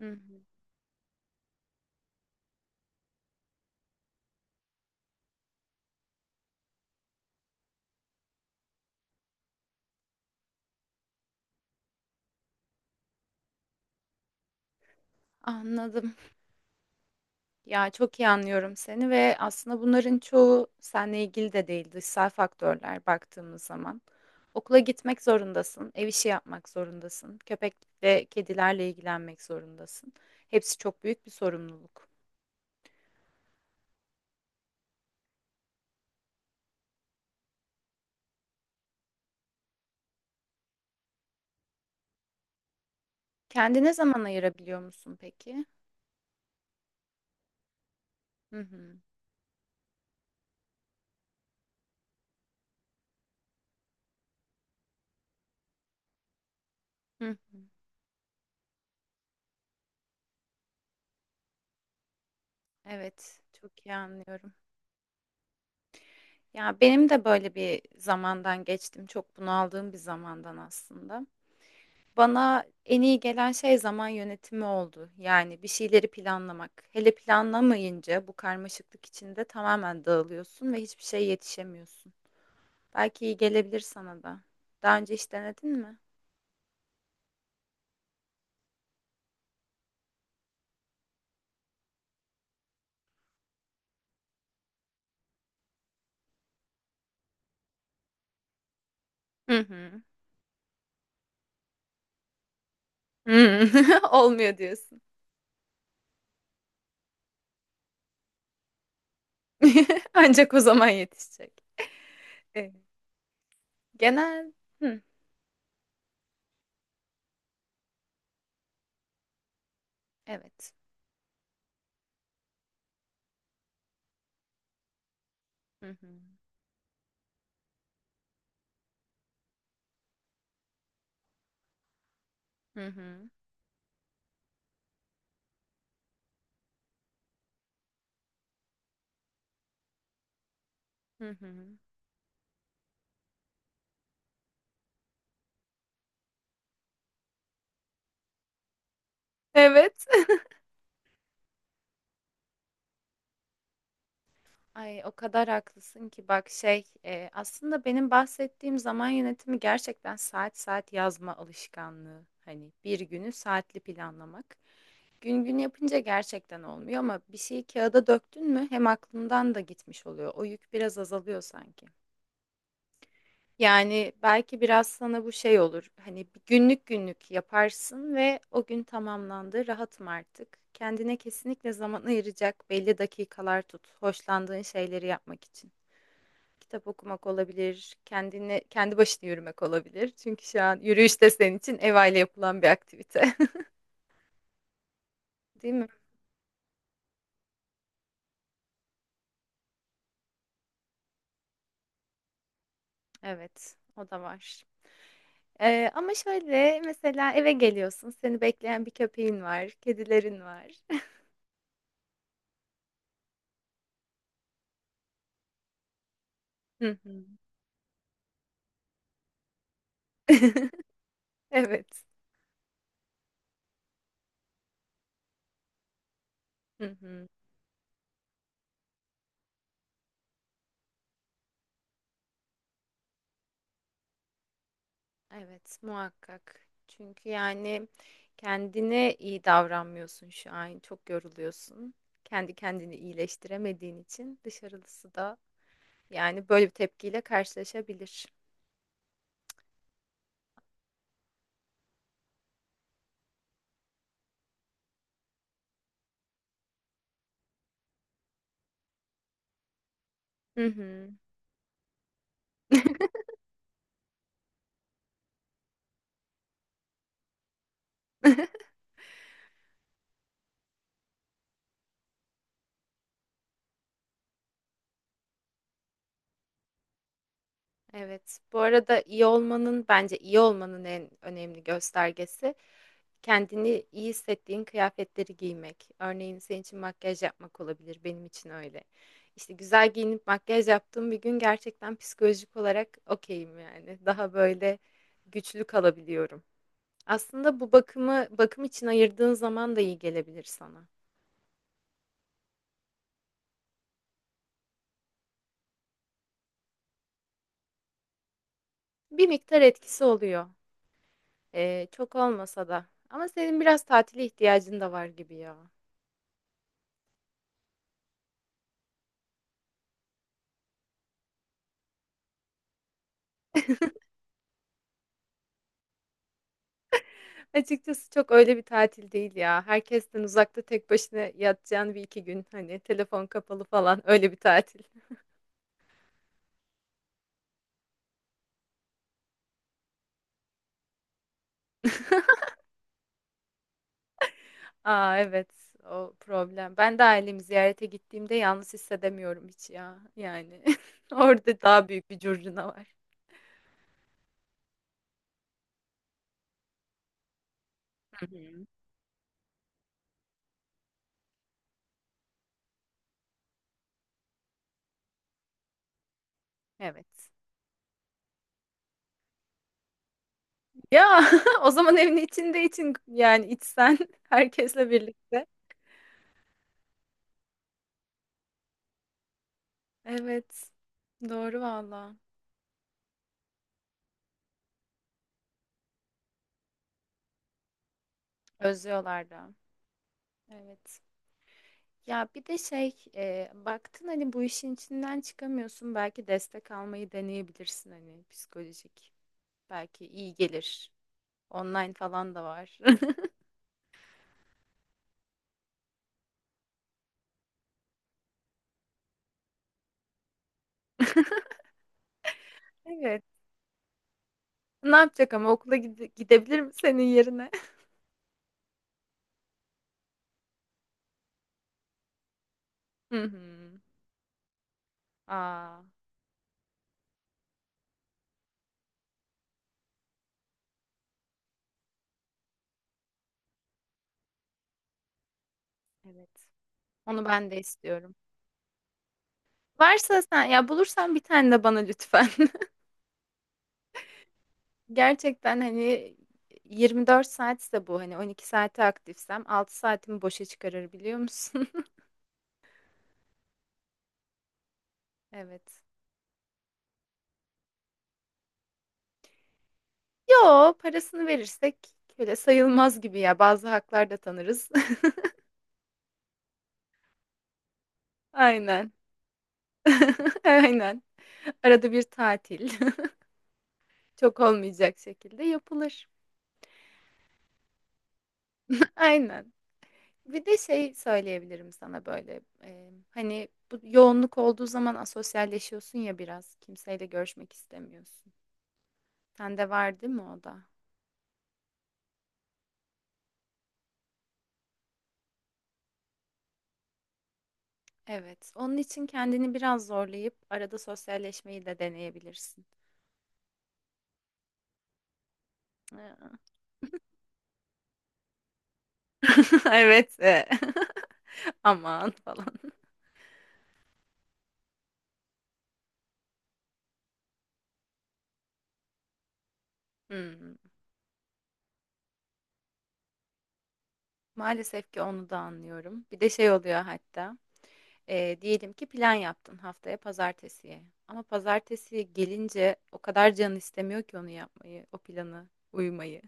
Hı hı. Anladım. Ya çok iyi anlıyorum seni ve aslında bunların çoğu seninle ilgili de değil, dışsal faktörler baktığımız zaman. Okula gitmek zorundasın, ev işi yapmak zorundasın, köpek ve kedilerle ilgilenmek zorundasın. Hepsi çok büyük bir sorumluluk. Kendine zaman ayırabiliyor musun peki? Hı hı. Hı hı. Evet, çok iyi anlıyorum. Ya benim de böyle bir zamandan geçtim, çok bunaldığım bir zamandan aslında. Bana en iyi gelen şey zaman yönetimi oldu. Yani bir şeyleri planlamak. Hele planlamayınca bu karmaşıklık içinde tamamen dağılıyorsun ve hiçbir şeye yetişemiyorsun. Belki iyi gelebilir sana da. Daha önce hiç denedin mi? Hı hı. Hı. Olmuyor diyorsun. Ancak o zaman yetişecek. Evet. Genel. Hı. Evet. Hı hı. Hı hı. Hı hı. Evet. Ay o kadar haklısın ki bak aslında benim bahsettiğim zaman yönetimi gerçekten saat saat yazma alışkanlığı. Hani bir günü saatli planlamak. Gün gün yapınca gerçekten olmuyor ama bir şeyi kağıda döktün mü hem aklından da gitmiş oluyor. O yük biraz azalıyor sanki. Yani belki biraz sana bu şey olur. Hani bir günlük günlük yaparsın ve o gün tamamlandı. Rahatım artık. Kendine kesinlikle zaman ayıracak belli dakikalar tut. Hoşlandığın şeyleri yapmak için. Kitap okumak olabilir, kendine kendi başına yürümek olabilir. Çünkü şu an yürüyüş de senin için ev aile yapılan bir aktivite. Değil mi? Evet, o da var. Ama şöyle mesela eve geliyorsun, seni bekleyen bir köpeğin var, kedilerin var. Hı hı. Evet. Hı hı. Evet, muhakkak. Çünkü yani kendine iyi davranmıyorsun şu an. Çok yoruluyorsun. Kendi kendini iyileştiremediğin için dışarılısı da yani böyle bir tepkiyle karşılaşabilir. Hı hı. Evet. Bu arada iyi olmanın bence iyi olmanın en önemli göstergesi kendini iyi hissettiğin kıyafetleri giymek. Örneğin senin için makyaj yapmak olabilir. Benim için öyle. İşte güzel giyinip makyaj yaptığım bir gün gerçekten psikolojik olarak okeyim yani. Daha böyle güçlü kalabiliyorum. Aslında bu bakımı bakım için ayırdığın zaman da iyi gelebilir sana. Bir miktar etkisi oluyor. Çok olmasa da. Ama senin biraz tatile ihtiyacın da var gibi ya. Açıkçası çok öyle bir tatil değil ya. Herkesten uzakta tek başına yatacağın bir iki gün hani telefon kapalı falan öyle bir tatil. Aa evet o problem. Ben de ailemi ziyarete gittiğimde yalnız hissedemiyorum hiç ya. Yani orada daha büyük bir curcuna var. Hı hı. Evet. Ya o zaman evin içinde için yani içsen herkesle birlikte. Evet. Doğru valla. Özlüyorlar da. Evet. Ya bir de şey e, baktın hani bu işin içinden çıkamıyorsun belki destek almayı deneyebilirsin hani psikolojik belki iyi gelir online falan da var. Evet. Ne yapacak ama okula gidebilir mi senin yerine? Hı hı. Aa, evet. Onu ben de istiyorum. Varsa sen ya bulursan bir tane de bana lütfen. Gerçekten hani 24 saatse bu hani 12 saati aktifsem 6 saatimi boşa çıkarır biliyor musun? Evet. Yo, parasını verirsek öyle sayılmaz gibi ya. Bazı haklar da tanırız. Aynen. Aynen. Arada bir tatil. Çok olmayacak şekilde yapılır. Aynen. Bir de şey söyleyebilirim sana böyle. Hani bu yoğunluk olduğu zaman asosyalleşiyorsun ya biraz. Kimseyle görüşmek istemiyorsun. Sende var değil mi o da? Evet. Onun için kendini biraz zorlayıp arada sosyalleşmeyi de deneyebilirsin. Evet. Aman falan. Hımm. Maalesef ki onu da anlıyorum. Bir de şey oluyor hatta, diyelim ki plan yaptın haftaya pazartesiye ama pazartesiye gelince o kadar canın istemiyor ki onu yapmayı, o planı uymayı.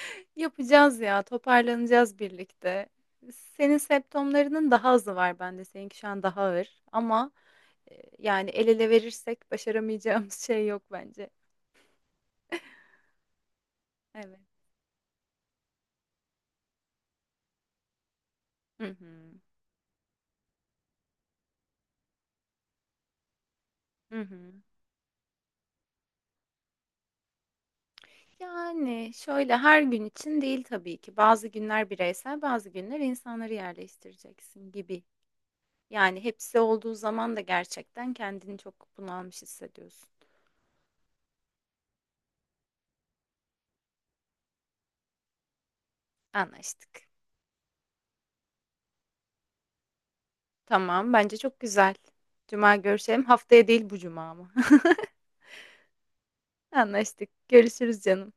Yapacağız ya, toparlanacağız birlikte. Senin septomlarının daha azı var bende, seninki şu an daha ağır ama, yani el ele verirsek başaramayacağımız şey yok bence. Evet. Hı hı. Hı hı. Yani, şöyle, her gün için değil tabii ki. Bazı günler bireysel, bazı günler insanları yerleştireceksin gibi. Yani hepsi olduğu zaman da gerçekten kendini çok bunalmış hissediyorsun. Anlaştık. Tamam, bence çok güzel. Cuma görüşelim. Haftaya değil bu cuma mı? Anlaştık. Görüşürüz canım.